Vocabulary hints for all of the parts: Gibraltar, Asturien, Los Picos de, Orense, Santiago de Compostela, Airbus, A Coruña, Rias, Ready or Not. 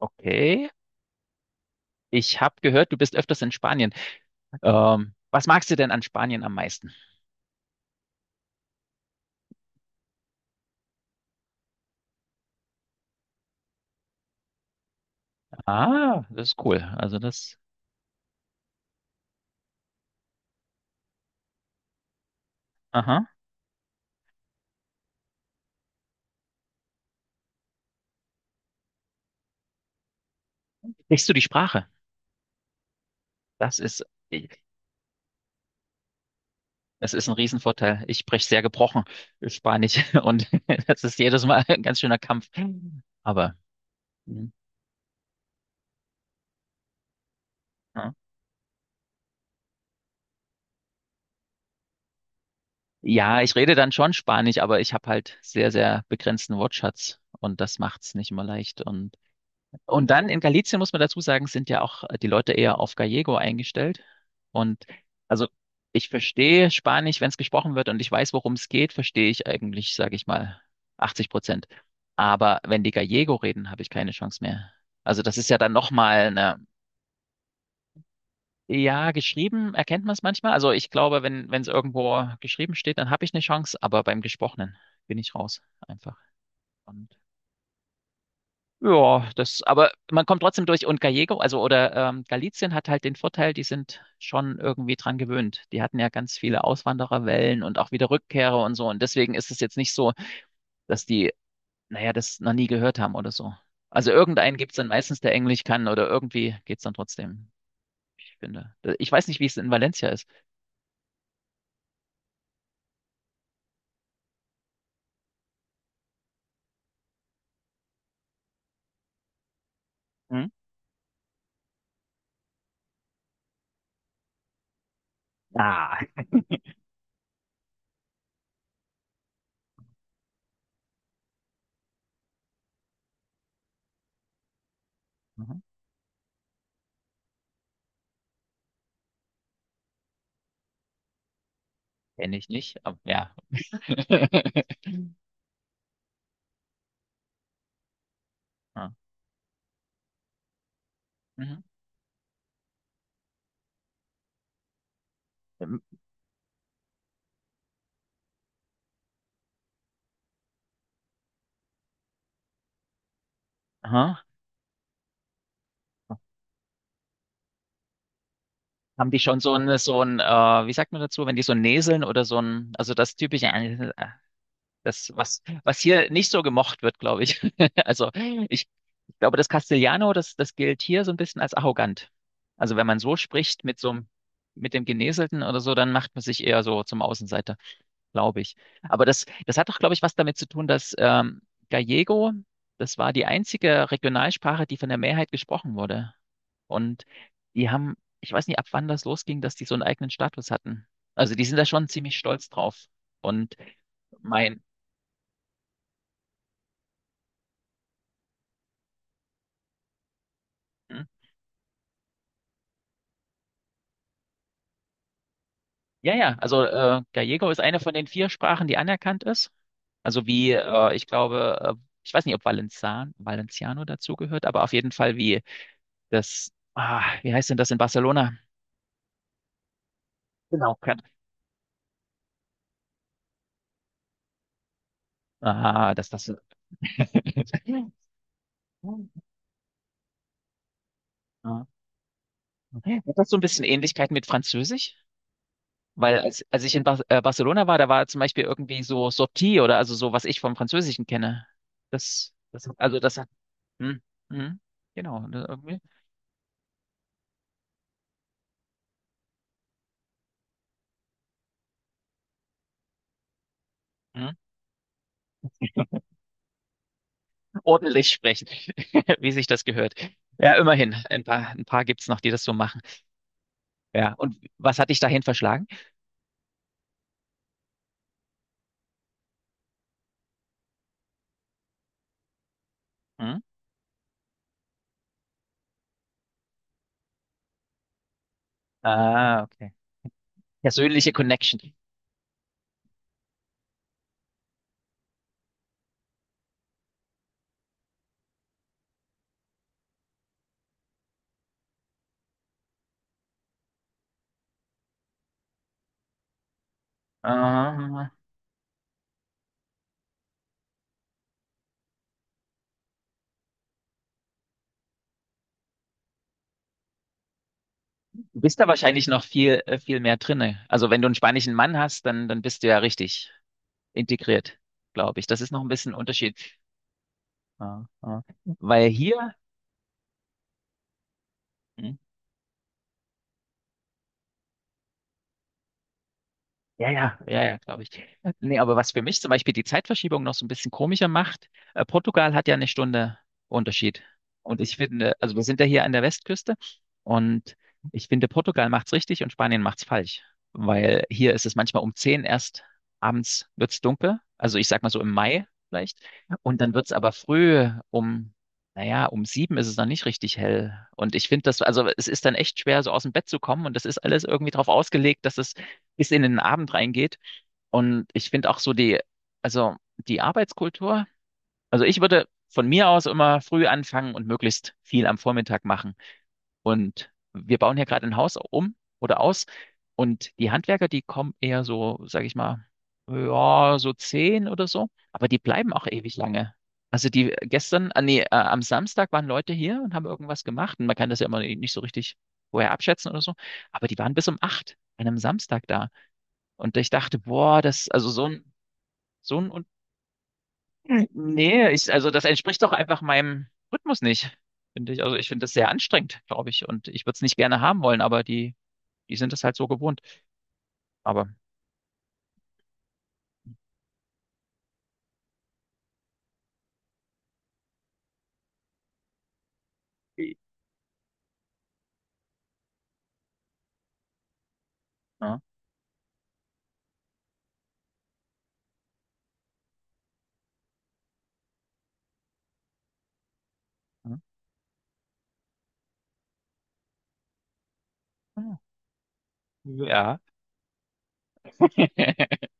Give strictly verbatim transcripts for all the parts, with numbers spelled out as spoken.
Okay. Ich habe gehört, du bist öfters in Spanien. Ähm, was magst du denn an Spanien am meisten? Ah, das ist cool. Also das, aha. Sprichst du die Sprache? Das ist, das ist ein Riesenvorteil. Ich spreche sehr gebrochen Spanisch und das ist jedes Mal ein ganz schöner Kampf. Aber mhm. Ja, ich rede dann schon Spanisch, aber ich habe halt sehr, sehr begrenzten Wortschatz und das macht's nicht immer leicht. Und Und dann in Galicien muss man dazu sagen, sind ja auch äh, die Leute eher auf Gallego eingestellt. Und also ich verstehe Spanisch, wenn es gesprochen wird und ich weiß, worum es geht, verstehe ich eigentlich, sage ich mal, achtzig Prozent. Aber wenn die Gallego reden, habe ich keine Chance mehr. Also das ist ja dann nochmal eine, ja, geschrieben erkennt man es manchmal. Also ich glaube, wenn wenn es irgendwo geschrieben steht, dann habe ich eine Chance, aber beim Gesprochenen bin ich raus einfach. Und ja, das, aber man kommt trotzdem durch und Gallego, also oder ähm, Galicien hat halt den Vorteil, die sind schon irgendwie dran gewöhnt. Die hatten ja ganz viele Auswandererwellen und auch wieder Rückkehrer und so. Und deswegen ist es jetzt nicht so, dass die, naja, das noch nie gehört haben oder so. Also irgendeinen gibt's dann meistens, der Englisch kann oder irgendwie geht's dann trotzdem. Ich finde. Ich weiß nicht, wie es in Valencia ist. Hm? Ah, mhm. Kenne ich nicht. Aber, ja. Ja. Mhm. Ähm, aha. Haben die schon so ein, so ein, äh, wie sagt man dazu, wenn die so näseln oder so ein, also das typische, äh, das, was, was hier nicht so gemocht wird, glaube ich. Also ich, glaube, das Castellano, das, das gilt hier so ein bisschen als arrogant. Also wenn man so spricht mit so einem, mit dem Geneselten oder so, dann macht man sich eher so zum Außenseiter glaube ich. Aber das, das hat doch, glaube ich, was damit zu tun, dass ähm, Gallego, das war die einzige Regionalsprache, die von der Mehrheit gesprochen wurde. Und die haben, ich weiß nicht, ab wann das losging, dass die so einen eigenen Status hatten. Also die sind da schon ziemlich stolz drauf. Und mein, hm? Ja, ja, also äh, Gallego ist eine von den vier Sprachen, die anerkannt ist. Also wie, äh, ich glaube, äh, ich weiß nicht, ob Valenzan, Valenciano dazugehört, aber auf jeden Fall wie das, ah, wie heißt denn das in Barcelona? Genau. Ah, dass das, so, ah, okay. Hat das so ein bisschen Ähnlichkeit mit Französisch? Weil als, als ich in Bar äh, Barcelona war, da war zum Beispiel irgendwie so Sortie oder also so, was ich vom Französischen kenne. Das, das, also das hat, hm, hm, genau, ne, irgendwie, hm, ordentlich sprechen, wie sich das gehört. Ja, immerhin, ein paar, ein paar gibt's noch, die das so machen. Ja, und was hat dich dahin verschlagen? Hm? Ah, okay. Persönliche Connection. Ah, du bist da wahrscheinlich noch viel, äh, viel mehr drinne. Also wenn du einen spanischen Mann hast, dann, dann bist du ja richtig integriert, glaube ich. Das ist noch ein bisschen ein Unterschied. Ja, ja. Weil hier, hm, ja, ja, ja, ja, glaube ich. Nee, aber was für mich zum Beispiel die Zeitverschiebung noch so ein bisschen komischer macht, äh, Portugal hat ja eine Stunde Unterschied. Und ich finde, also wir sind ja hier an der Westküste und ich finde, Portugal macht's richtig und Spanien macht's falsch. Weil hier ist es manchmal um zehn erst abends wird's dunkel. Also ich sag mal so im Mai vielleicht. Und dann wird's aber früh um, naja, um sieben ist es noch nicht richtig hell. Und ich finde das, also es ist dann echt schwer, so aus dem Bett zu kommen und das ist alles irgendwie darauf ausgelegt, dass es bis in den Abend reingeht. Und ich finde auch so die, also die Arbeitskultur, also ich würde von mir aus immer früh anfangen und möglichst viel am Vormittag machen. Und wir bauen hier gerade ein Haus um oder aus. Und die Handwerker, die kommen eher so, sage ich mal, ja, so zehn oder so. Aber die bleiben auch ewig lange. Also die gestern, ah, nee, äh, am Samstag waren Leute hier und haben irgendwas gemacht. Und man kann das ja immer nicht so richtig vorher abschätzen oder so. Aber die waren bis um acht an einem Samstag da. Und ich dachte, boah, das, also so ein, so ein, Un- nee, ich, also das entspricht doch einfach meinem Rhythmus nicht, finde ich. Also ich finde das sehr anstrengend, glaube ich. Und ich würde es nicht gerne haben wollen, aber die, die sind es halt so gewohnt. Aber, ja, ja. Ja,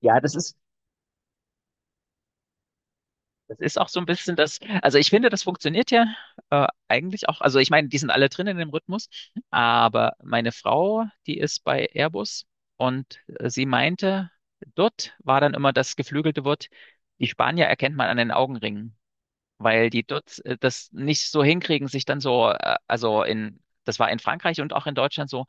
ja, das ist, das ist auch so ein bisschen das, also ich finde, das funktioniert ja äh, eigentlich auch. Also ich meine, die sind alle drin in dem Rhythmus, aber meine Frau, die ist bei Airbus und äh, sie meinte, dort war dann immer das geflügelte Wort, die Spanier erkennt man an den Augenringen, weil die dort äh, das nicht so hinkriegen, sich dann so, äh, also in, das war in Frankreich und auch in Deutschland so,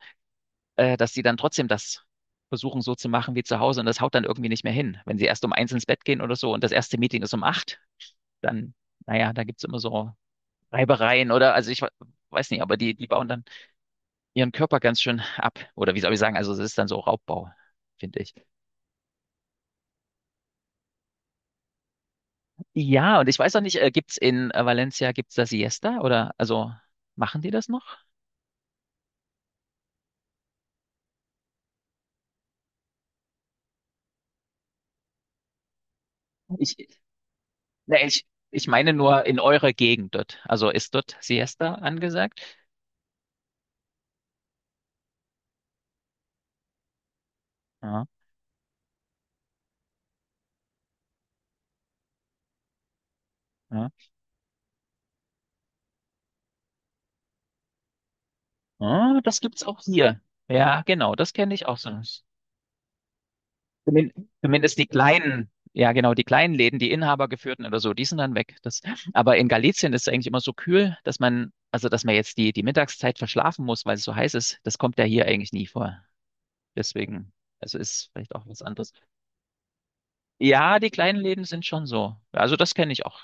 äh, dass sie dann trotzdem das versuchen so zu machen wie zu Hause und das haut dann irgendwie nicht mehr hin, wenn sie erst um eins ins Bett gehen oder so und das erste Meeting ist um acht dann, naja, da gibt's immer so Reibereien oder, also ich we- weiß nicht, aber die, die bauen dann ihren Körper ganz schön ab. Oder wie soll ich sagen, also es ist dann so Raubbau, finde ich. Ja, und ich weiß auch nicht, äh, gibt's in äh, Valencia, gibt's da Siesta oder, also machen die das noch? Ich, ne, ich, ich meine nur in eurer Gegend dort. Also ist dort Siesta angesagt? Ja, ja. Ah, das gibt's auch hier. Ja, genau, das kenne ich auch so. Zumin- Zumindest die kleinen, ja genau, die kleinen Läden, die inhabergeführten oder so, die sind dann weg. Das, aber in Galicien ist es eigentlich immer so kühl, dass man, also dass man jetzt die, die Mittagszeit verschlafen muss, weil es so heiß ist. Das kommt ja hier eigentlich nie vor. Deswegen, also ist vielleicht auch was anderes. Ja, die kleinen Läden sind schon so. Also das kenne ich auch.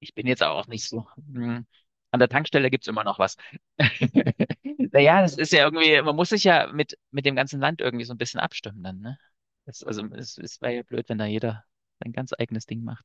Ich bin jetzt auch nicht so. Hm, an der Tankstelle gibt's immer noch was. Naja, das ist ja irgendwie, man muss sich ja mit, mit dem ganzen Land irgendwie so ein bisschen abstimmen dann, ne? Das, also es, es wäre ja blöd, wenn da jeder sein ganz eigenes Ding macht.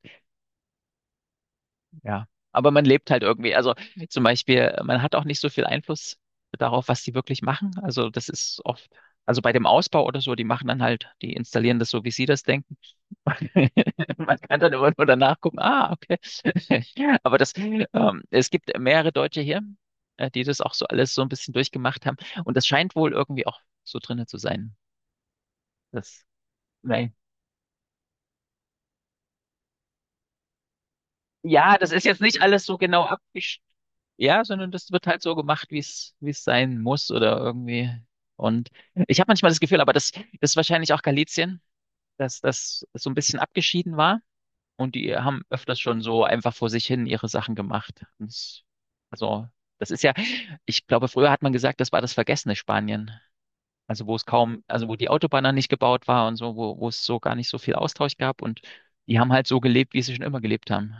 Ja. Aber man lebt halt irgendwie. Also zum Beispiel, man hat auch nicht so viel Einfluss darauf, was die wirklich machen. Also das ist oft, also bei dem Ausbau oder so, die machen dann halt, die installieren das so, wie sie das denken. Man kann dann immer nur danach gucken, ah, okay. Aber das, ähm, es gibt mehrere Deutsche hier, äh, die das auch so alles so ein bisschen durchgemacht haben. Und das scheint wohl irgendwie auch so drinne zu sein. Das, nein. Ja, das ist jetzt nicht alles so genau abgesch, ja, sondern das wird halt so gemacht, wie es, wie es sein muss oder irgendwie. Und ich habe manchmal das Gefühl, aber das, das ist wahrscheinlich auch Galizien, dass das so ein bisschen abgeschieden war. Und die haben öfters schon so einfach vor sich hin ihre Sachen gemacht. Und es- Also, das ist ja, ich glaube, früher hat man gesagt, das war das vergessene Spanien. Also, wo es kaum, also wo die Autobahn dann nicht gebaut war und so, wo, wo es so gar nicht so viel Austausch gab. Und die haben halt so gelebt, wie sie schon immer gelebt haben.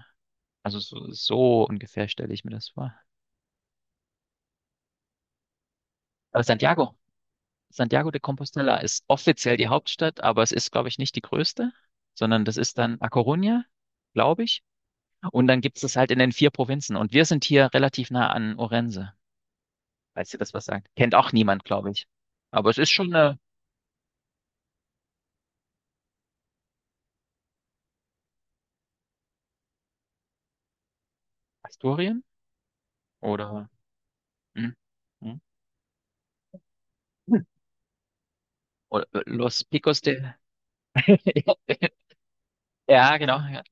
Also, so, so ungefähr stelle ich mir das vor. Aber Santiago, Santiago de Compostela ist offiziell die Hauptstadt, aber es ist, glaube ich, nicht die größte, sondern das ist dann A Coruña, glaube ich. Und dann gibt es das halt in den vier Provinzen. Und wir sind hier relativ nah an Orense, falls ihr das was sagt. Kennt auch niemand, glaube ich. Aber es ist schon eine Asturien oder, hm, hm, oder äh, Los Picos de. Ja, genau. Ja,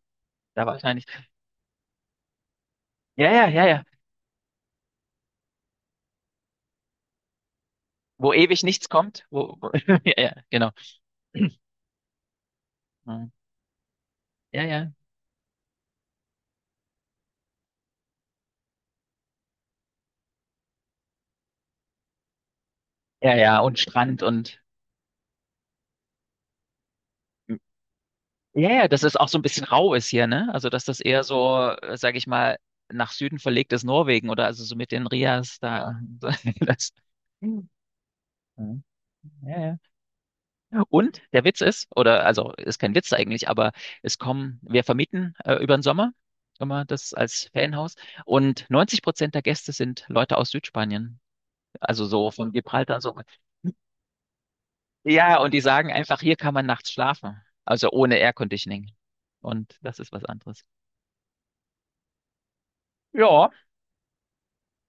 da war ich eigentlich. Ja, ja, ja, ja. Wo ewig nichts kommt. Wo, wo, ja, ja, genau. Ja, ja. Ja, ja. Und Strand und. Ja, ja, dass es auch so ein bisschen rau ist hier, ne? Also, dass das eher so, sage ich mal, nach Süden verlegt ist Norwegen oder also so mit den Rias da. Das, mhm, ja, ja. Und der Witz ist, oder also ist kein Witz eigentlich, aber es kommen, wir vermieten äh, über den Sommer immer das als Ferienhaus und neunzig Prozent der Gäste sind Leute aus Südspanien, also so von Gibraltar so. Ja, und die sagen einfach, hier kann man nachts schlafen, also ohne Air Conditioning. Und das ist was anderes. Ja.